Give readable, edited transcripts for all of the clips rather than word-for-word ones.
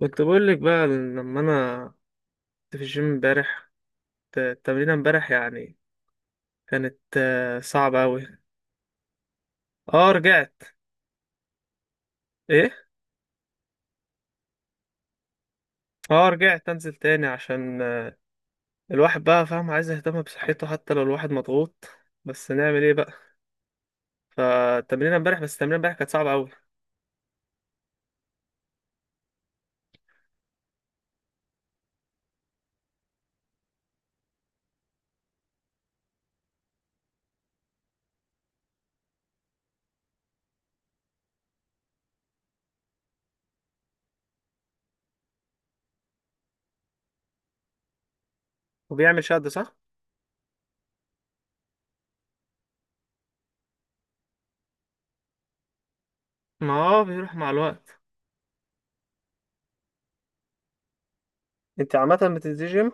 كنت بقول لك بقى لما انا كنت في الجيم امبارح. التمرينه امبارح يعني كانت صعبه قوي. اه، رجعت. ايه، اه رجعت انزل تاني عشان الواحد بقى فاهم عايز يهتم بصحته حتى لو الواحد مضغوط، بس نعمل ايه بقى؟ فالتمرينه امبارح، بس التمرينه امبارح كانت صعبه قوي. وبيعمل شد صح. ما هو بيروح مع الوقت. انت عامه بتنزل جيم؟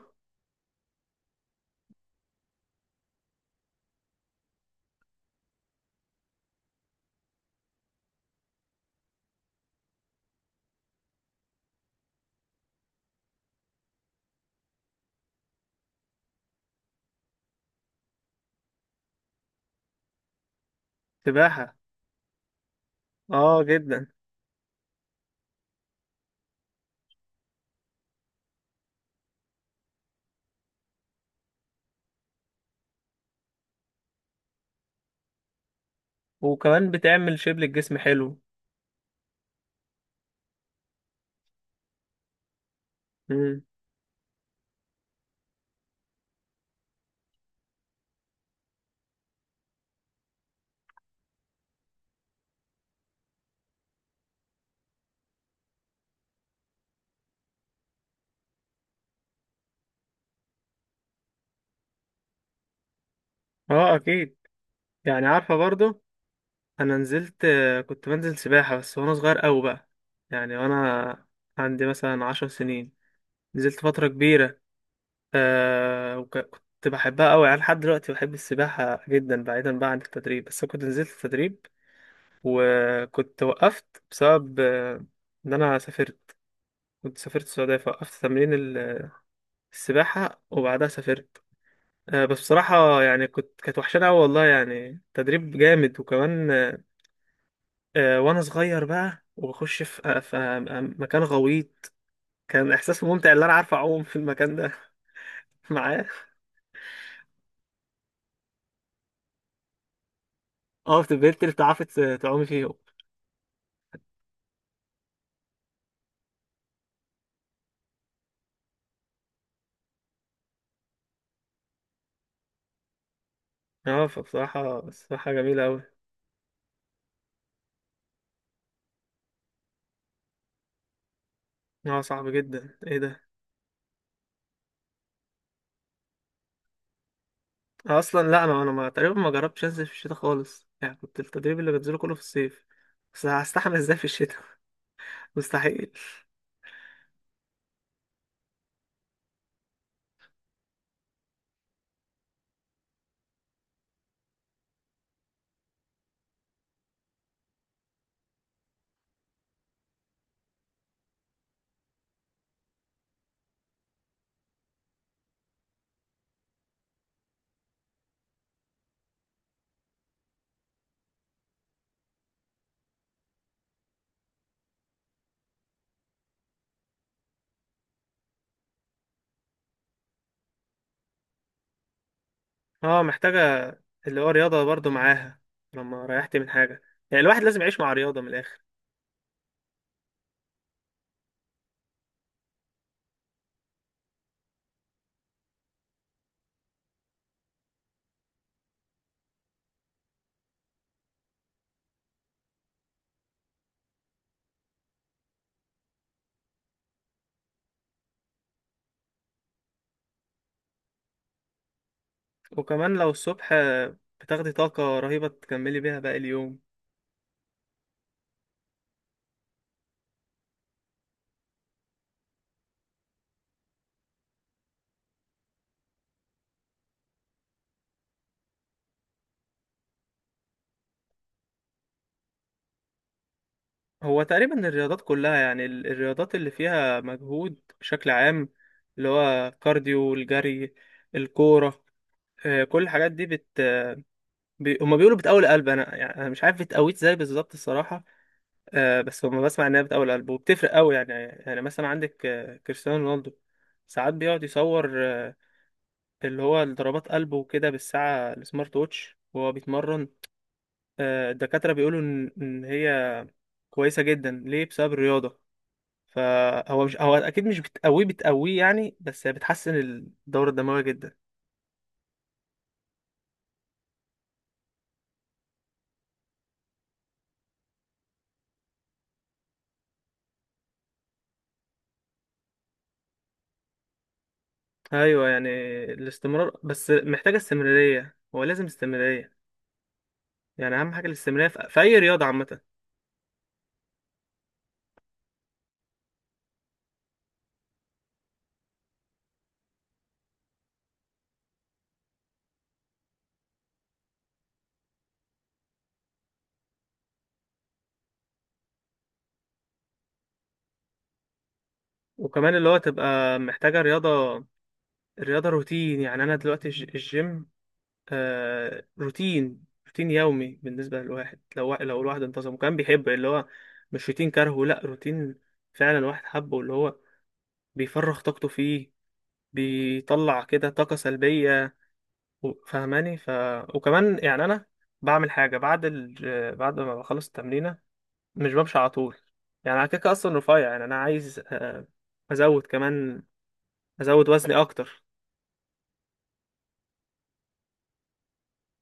سباحه. اه جدا. وكمان بتعمل شيب للجسم حلو. امم. اه اكيد. يعني عارفه برضو، انا نزلت، كنت بنزل سباحة بس وانا صغير قوي بقى. يعني وانا عندي مثلا 10 سنين، نزلت فترة كبيرة. آه، وكنت بحبها قوي يعني، لحد دلوقتي بحب السباحة جدا بعيدا بقى عن التدريب. بس أنا كنت نزلت التدريب وكنت وقفت بسبب ان انا سافرت. كنت سافرت السعودية، فوقفت تمرين السباحة، وبعدها سافرت. آه بس بصراحة يعني كانت وحشانة قوي والله، يعني تدريب جامد. وكمان وانا صغير بقى، وبخش في مكان غويط، كان احساسه ممتع ان انا عارف اعوم في المكان ده. معاه. اه، بتبهرت اللي تعومي فيه. اه فبصراحة، جميلة أوي. اه صعب جدا، ايه ده؟ أنا اصلا لا، انا ما تقريبا ما جربتش انزل في الشتاء خالص. يعني كنت التدريب اللي بنزله كله في الصيف، بس هستحمل ازاي في الشتاء؟ مستحيل. اه محتاجة. اللي هو رياضة برضو معاها، لما ريحت من حاجة. يعني الواحد لازم يعيش مع رياضة من الآخر. وكمان لو الصبح بتاخدي طاقة رهيبة تكملي بيها باقي اليوم. هو تقريبا الرياضات كلها يعني، الرياضات اللي فيها مجهود بشكل عام، اللي هو كارديو، الجري، الكورة، كل الحاجات دي هما بيقولوا بتقوي القلب. انا يعني أنا مش عارف بتقويه ازاي بالظبط الصراحة. بس هما بسمع انها بتقوي القلب وبتفرق قوي يعني. يعني مثلا عندك كريستيانو رونالدو ساعات بيقعد يصور اللي هو ضربات قلبه وكده بالساعة السمارت ووتش وهو بيتمرن. الدكاترة بيقولوا إن هي كويسة جدا ليه بسبب الرياضة. فهو مش، هو أكيد مش بتقويه بتقويه يعني، بس هي بتحسن الدورة الدموية جدا. أيوة يعني الاستمرار، بس محتاجة استمرارية، هو لازم استمرارية. يعني أهم حاجة الاستمرارية في أي رياضة عامة. وكمان اللي هو تبقى محتاجة رياضة، رياضة روتين. يعني أنا دلوقتي الجيم آه روتين، روتين يومي بالنسبة للواحد. لو لو الواحد انتظم كان بيحب، اللي هو مش روتين كرهه، لا روتين فعلا الواحد حبه، اللي هو بيفرغ طاقته فيه، بيطلع كده طاقة سلبية، فاهماني؟ وكمان يعني أنا بعمل حاجة بعد ما بخلص التمرينة، مش بمشي على طول. يعني أنا كده كده أصلا رفيع، يعني أنا عايز أزود كمان، أزود وزني أكتر.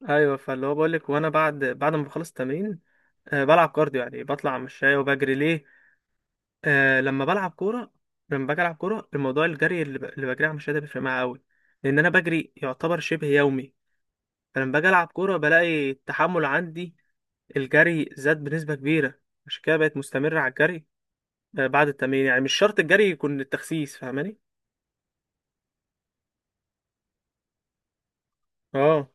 ايوه، فاللي هو بقول لك، وانا بعد، ما بخلص التمرين أه بلعب كارديو، يعني بطلع مشاية وبجري ليه. أه لما بلعب كوره، لما باجي العب كوره، الموضوع الجري اللي بجري على المشاية ده بيفرق معايا قوي، لان انا بجري يعتبر شبه يومي. فلما باجي العب كوره بلاقي التحمل عندي الجري زاد بنسبه كبيره. عشان كده بقيت مستمرة على الجري أه بعد التمرين. يعني مش شرط الجري يكون التخسيس، فاهماني؟ اه.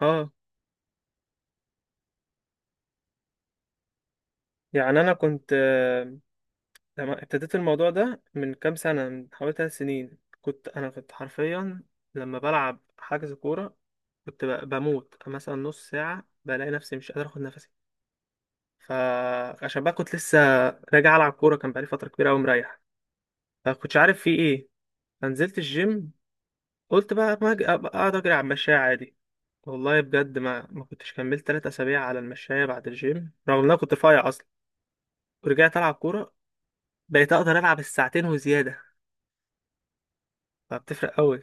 اه. يعني انا كنت لما ابتديت الموضوع ده من كام سنة، من حوالي 3 سنين، كنت، أنا كنت حرفيا لما بلعب حجز كورة كنت بموت مثلا نص ساعة، بلاقي نفسي مش قادر أخد نفسي. فعشان بقى كنت لسه راجع ألعب كورة، كان بقالي فترة كبيرة أوي مريح، فكنتش عارف في إيه. فنزلت الجيم، قلت بقى ما أج- أبقى أقعد أجري على المشاية عادي. والله بجد ما كنتش كملت 3 أسابيع على المشاية بعد الجيم، رغم إن أنا كنت رفيع أصلا، ورجعت ألعب كورة، بقيت أقدر ألعب الساعتين وزيادة. فبتفرق أوي.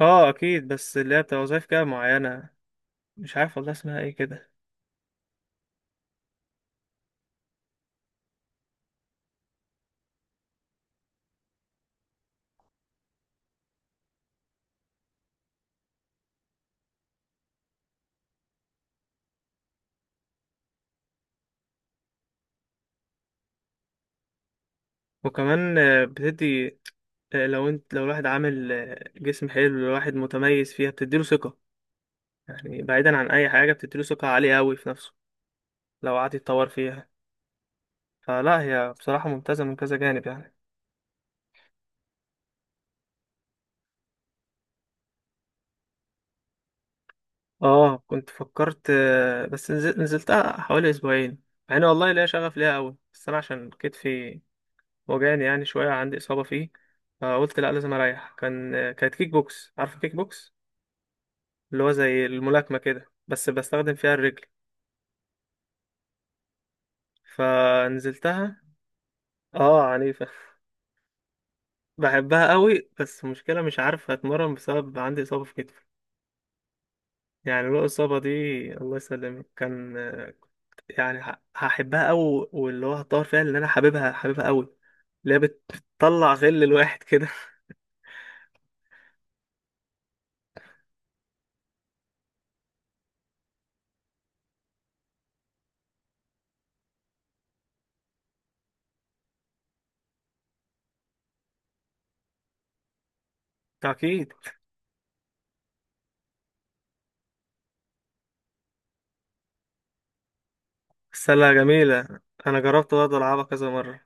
اه اكيد، بس اللي هي بتبقى وظايف كده معينة، مش عارف والله اسمها ايه كده. وكمان بتدي لو انت، لو الواحد عامل جسم حلو، الواحد متميز فيها بتديله ثقة. يعني بعيدا عن اي حاجة بتديله ثقة عالية اوي في نفسه، لو قعد يتطور فيها. فلا هي بصراحة ممتازة من كذا جانب يعني. اه كنت فكرت نزلتها حوالي اسبوعين. مع ان والله ليا شغف ليها اوي، بس انا عشان كتفي وجعني يعني شوية، عندي اصابة فيه، فقلت لا لازم اريح. كان آه، كانت كيك بوكس. عارف كيك بوكس؟ اللي هو زي الملاكمة كده، بس بستخدم فيها الرجل. فنزلتها. اه عنيفة. بحبها قوي، بس المشكلة مش عارف اتمرن بسبب عندي إصابة في كتفي. يعني لو الإصابة دي، الله يسلمك، كان يعني هحبها قوي، واللي هو هطور فيها، اللي أنا حاببها، حاببها قوي، اللي هي بتطلع غل الواحد كده. أكيد. السلة جميلة، أنا جربت برضه ألعبها كذا مرة.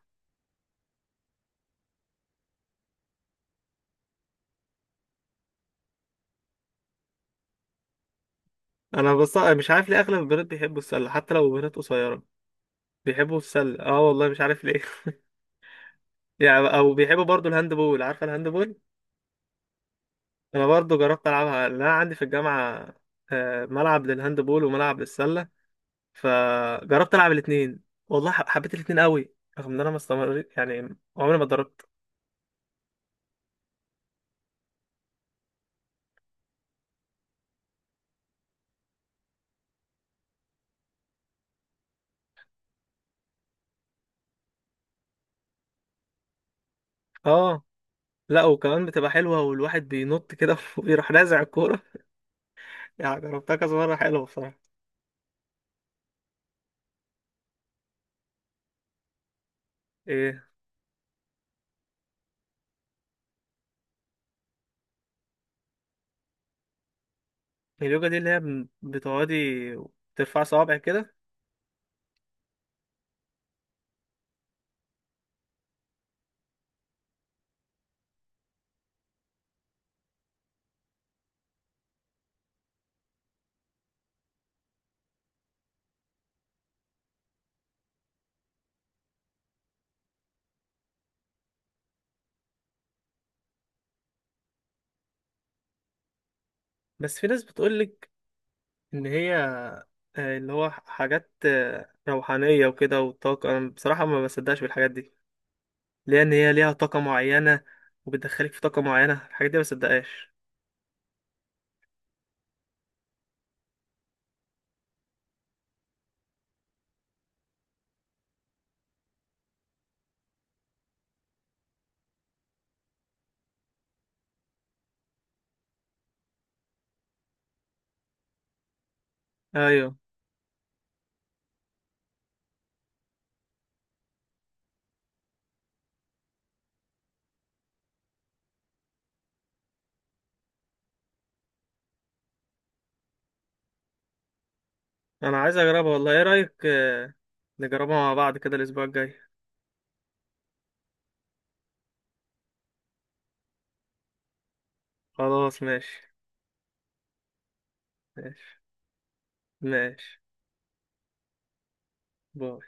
أنا بص مش عارف ليه أغلب البنات بيحبوا السلة، حتى لو بنات قصيرة بيحبوا السلة. اه والله مش عارف ليه. يعني او بيحبوا برضو الهاند بول. عارفه الهاند بول؟ انا برضو جربت العبها لأن انا عندي في الجامعه ملعب للهاند بول وملعب للسله. فجربت العب الاثنين والله حبيت الاثنين قوي، رغم ان انا ما استمريت، يعني عمري ما اتدربت. اه. لا وكمان بتبقى حلوه، والواحد بينط كده ويروح نازع الكوره. يعني جربتها كذا مره، حلوه بصراحه. ايه؟ اليوجا دي اللي هي بتقعدي ترفع صوابعك كده؟ بس في ناس بتقولك ان هي آه، اللي هو حاجات روحانية وكده والطاقة. أنا بصراحة ما بصدقش بالحاجات دي، لأن هي ليها طاقة معينة وبتدخلك في طاقة معينة، الحاجات دي ما بصدقهاش. أيوه. أنا عايز أجربها والله. إيه رأيك نجربها مع بعض كده الأسبوع الجاي؟ خلاص ماشي. ماشي. ماشي باي.